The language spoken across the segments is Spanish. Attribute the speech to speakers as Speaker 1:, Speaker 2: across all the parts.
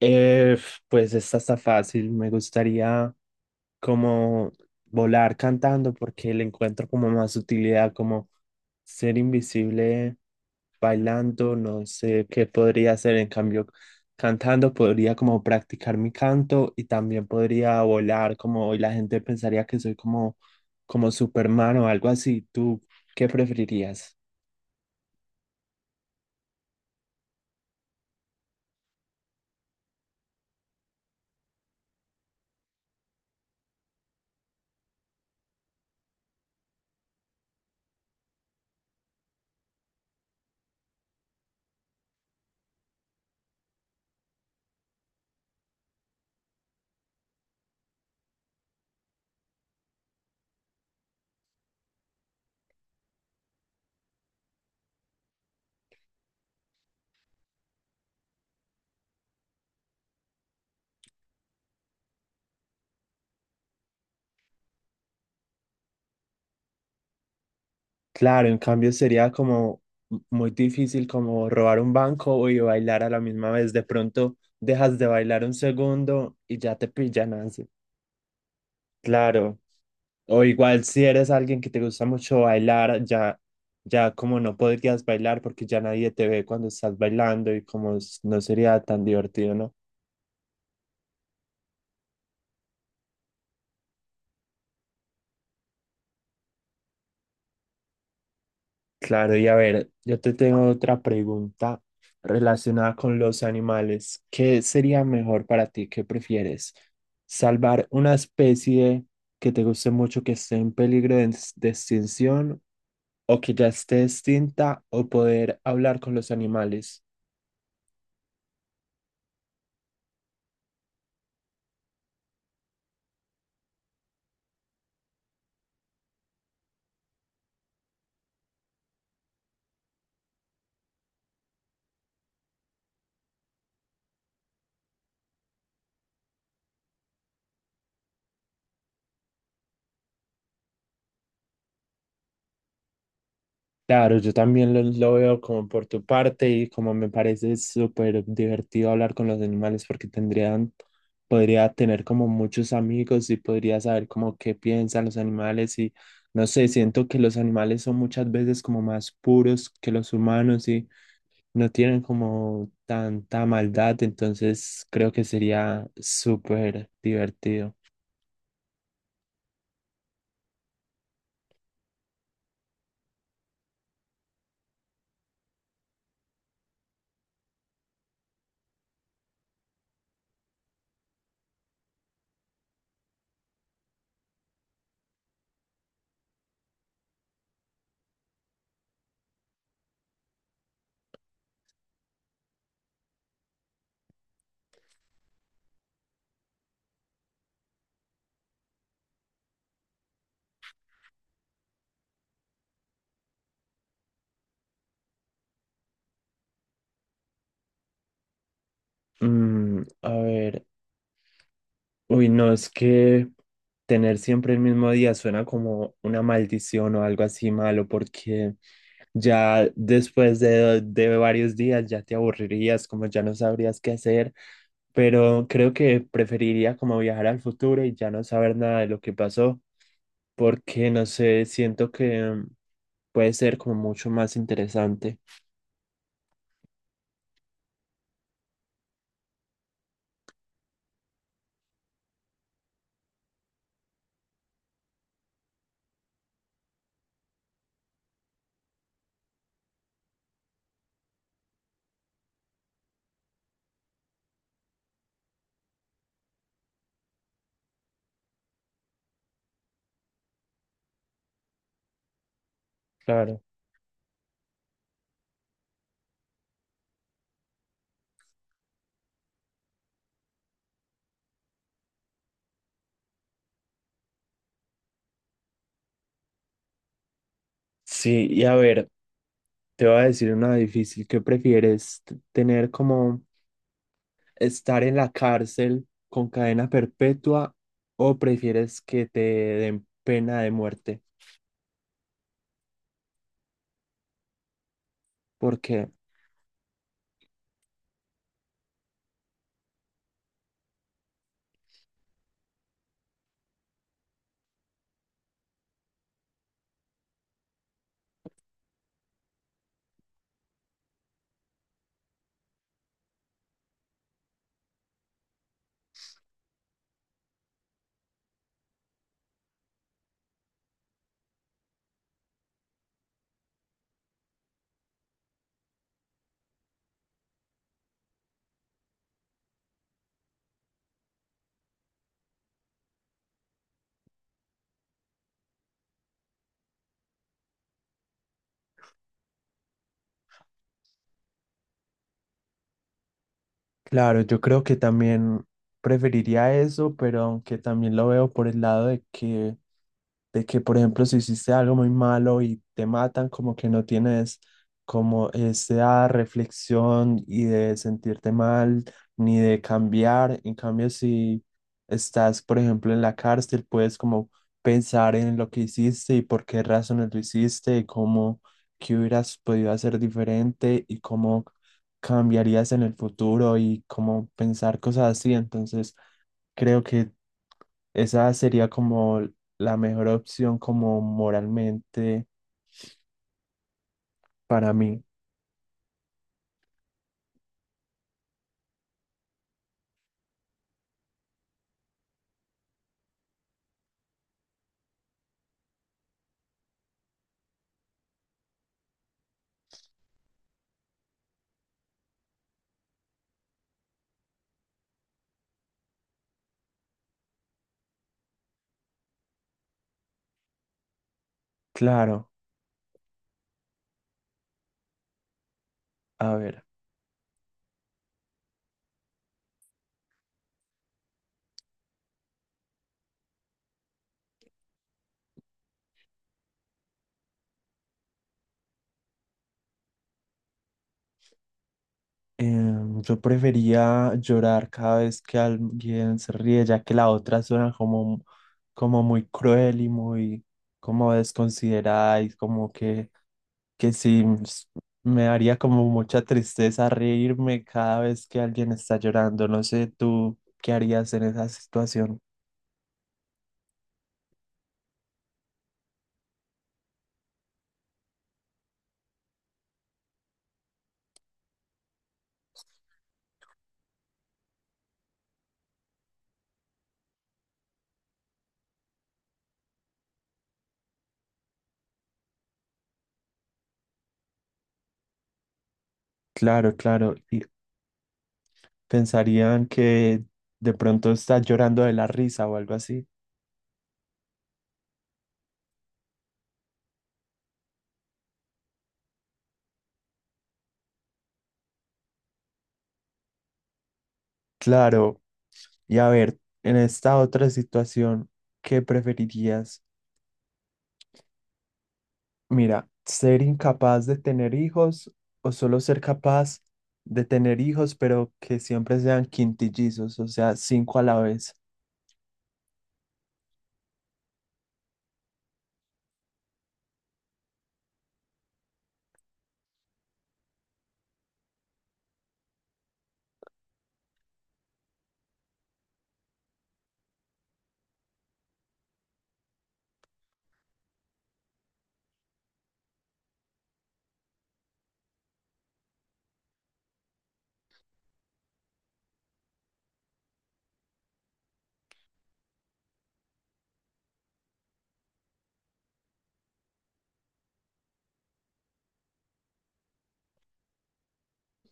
Speaker 1: Eh, pues esta está fácil. Me gustaría como volar cantando porque le encuentro como más utilidad, como ser invisible bailando, no sé qué podría hacer. En cambio, cantando podría como practicar mi canto y también podría volar como y la gente pensaría que soy como Superman o algo así. ¿Tú qué preferirías? Claro, en cambio sería como muy difícil como robar un banco y bailar a la misma vez. De pronto dejas de bailar un segundo y ya te pillan así. Claro. O igual si eres alguien que te gusta mucho bailar, ya, ya como no podrías bailar porque ya nadie te ve cuando estás bailando y como no sería tan divertido, ¿no? Claro, y a ver, yo te tengo otra pregunta relacionada con los animales. ¿Qué sería mejor para ti? ¿Qué prefieres? ¿Salvar una especie que te guste mucho, que esté en peligro de extinción o que ya esté extinta o poder hablar con los animales? Claro, yo también lo veo como por tu parte y como me parece súper divertido hablar con los animales porque podría tener como muchos amigos y podría saber como qué piensan los animales y no sé, siento que los animales son muchas veces como más puros que los humanos y no tienen como tanta maldad, entonces creo que sería súper divertido. Mm, a ver. Uy, no, es que tener siempre el mismo día suena como una maldición o algo así malo, porque ya después de varios días ya te aburrirías, como ya no sabrías qué hacer, pero creo que preferiría como viajar al futuro y ya no saber nada de lo que pasó, porque no sé, siento que puede ser como mucho más interesante. Claro. Sí, y a ver, te voy a decir una difícil. ¿Qué prefieres? ¿Tener como estar en la cárcel con cadena perpetua o prefieres que te den pena de muerte? ¿Por qué? Claro, yo creo que también preferiría eso, pero aunque también lo veo por el lado de que, por ejemplo, si hiciste algo muy malo y te matan, como que no tienes como esa reflexión y de sentirte mal, ni de cambiar. En cambio, si estás, por ejemplo, en la cárcel, puedes como pensar en lo que hiciste y por qué razones lo hiciste y cómo, qué hubieras podido hacer diferente y cómo cambiarías en el futuro y cómo pensar cosas así. Entonces, creo que esa sería como la mejor opción como moralmente para mí. Claro, a ver. Yo prefería llorar cada vez que alguien se ríe, ya que la otra suena como muy cruel y muy como desconsiderada y como que sí me daría como mucha tristeza reírme cada vez que alguien está llorando. No sé tú qué harías en esa situación. Claro, claro. Y pensarían que de pronto está llorando de la risa o algo así. Claro. Y a ver, en esta otra situación, ¿qué preferirías? Mira, ser incapaz de tener hijos o solo ser capaz de tener hijos, pero que siempre sean quintillizos, o sea, cinco a la vez.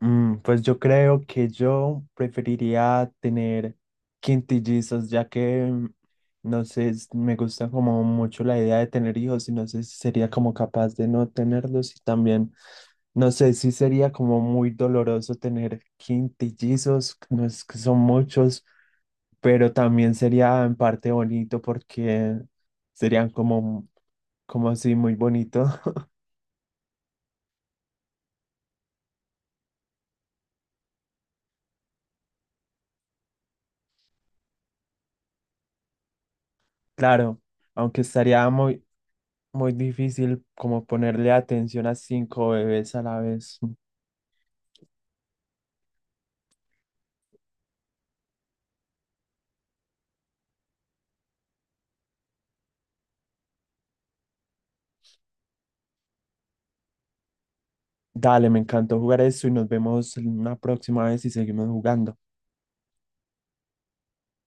Speaker 1: Mm, pues yo creo que yo preferiría tener quintillizos, ya que no sé, me gusta como mucho la idea de tener hijos y no sé si sería como capaz de no tenerlos y también no sé si sería como muy doloroso tener quintillizos, no es que son muchos, pero también sería en parte bonito porque serían como así muy bonito. Claro, aunque estaría muy, muy difícil como ponerle atención a cinco bebés a la vez. Dale, me encantó jugar eso y nos vemos en una próxima vez y seguimos jugando.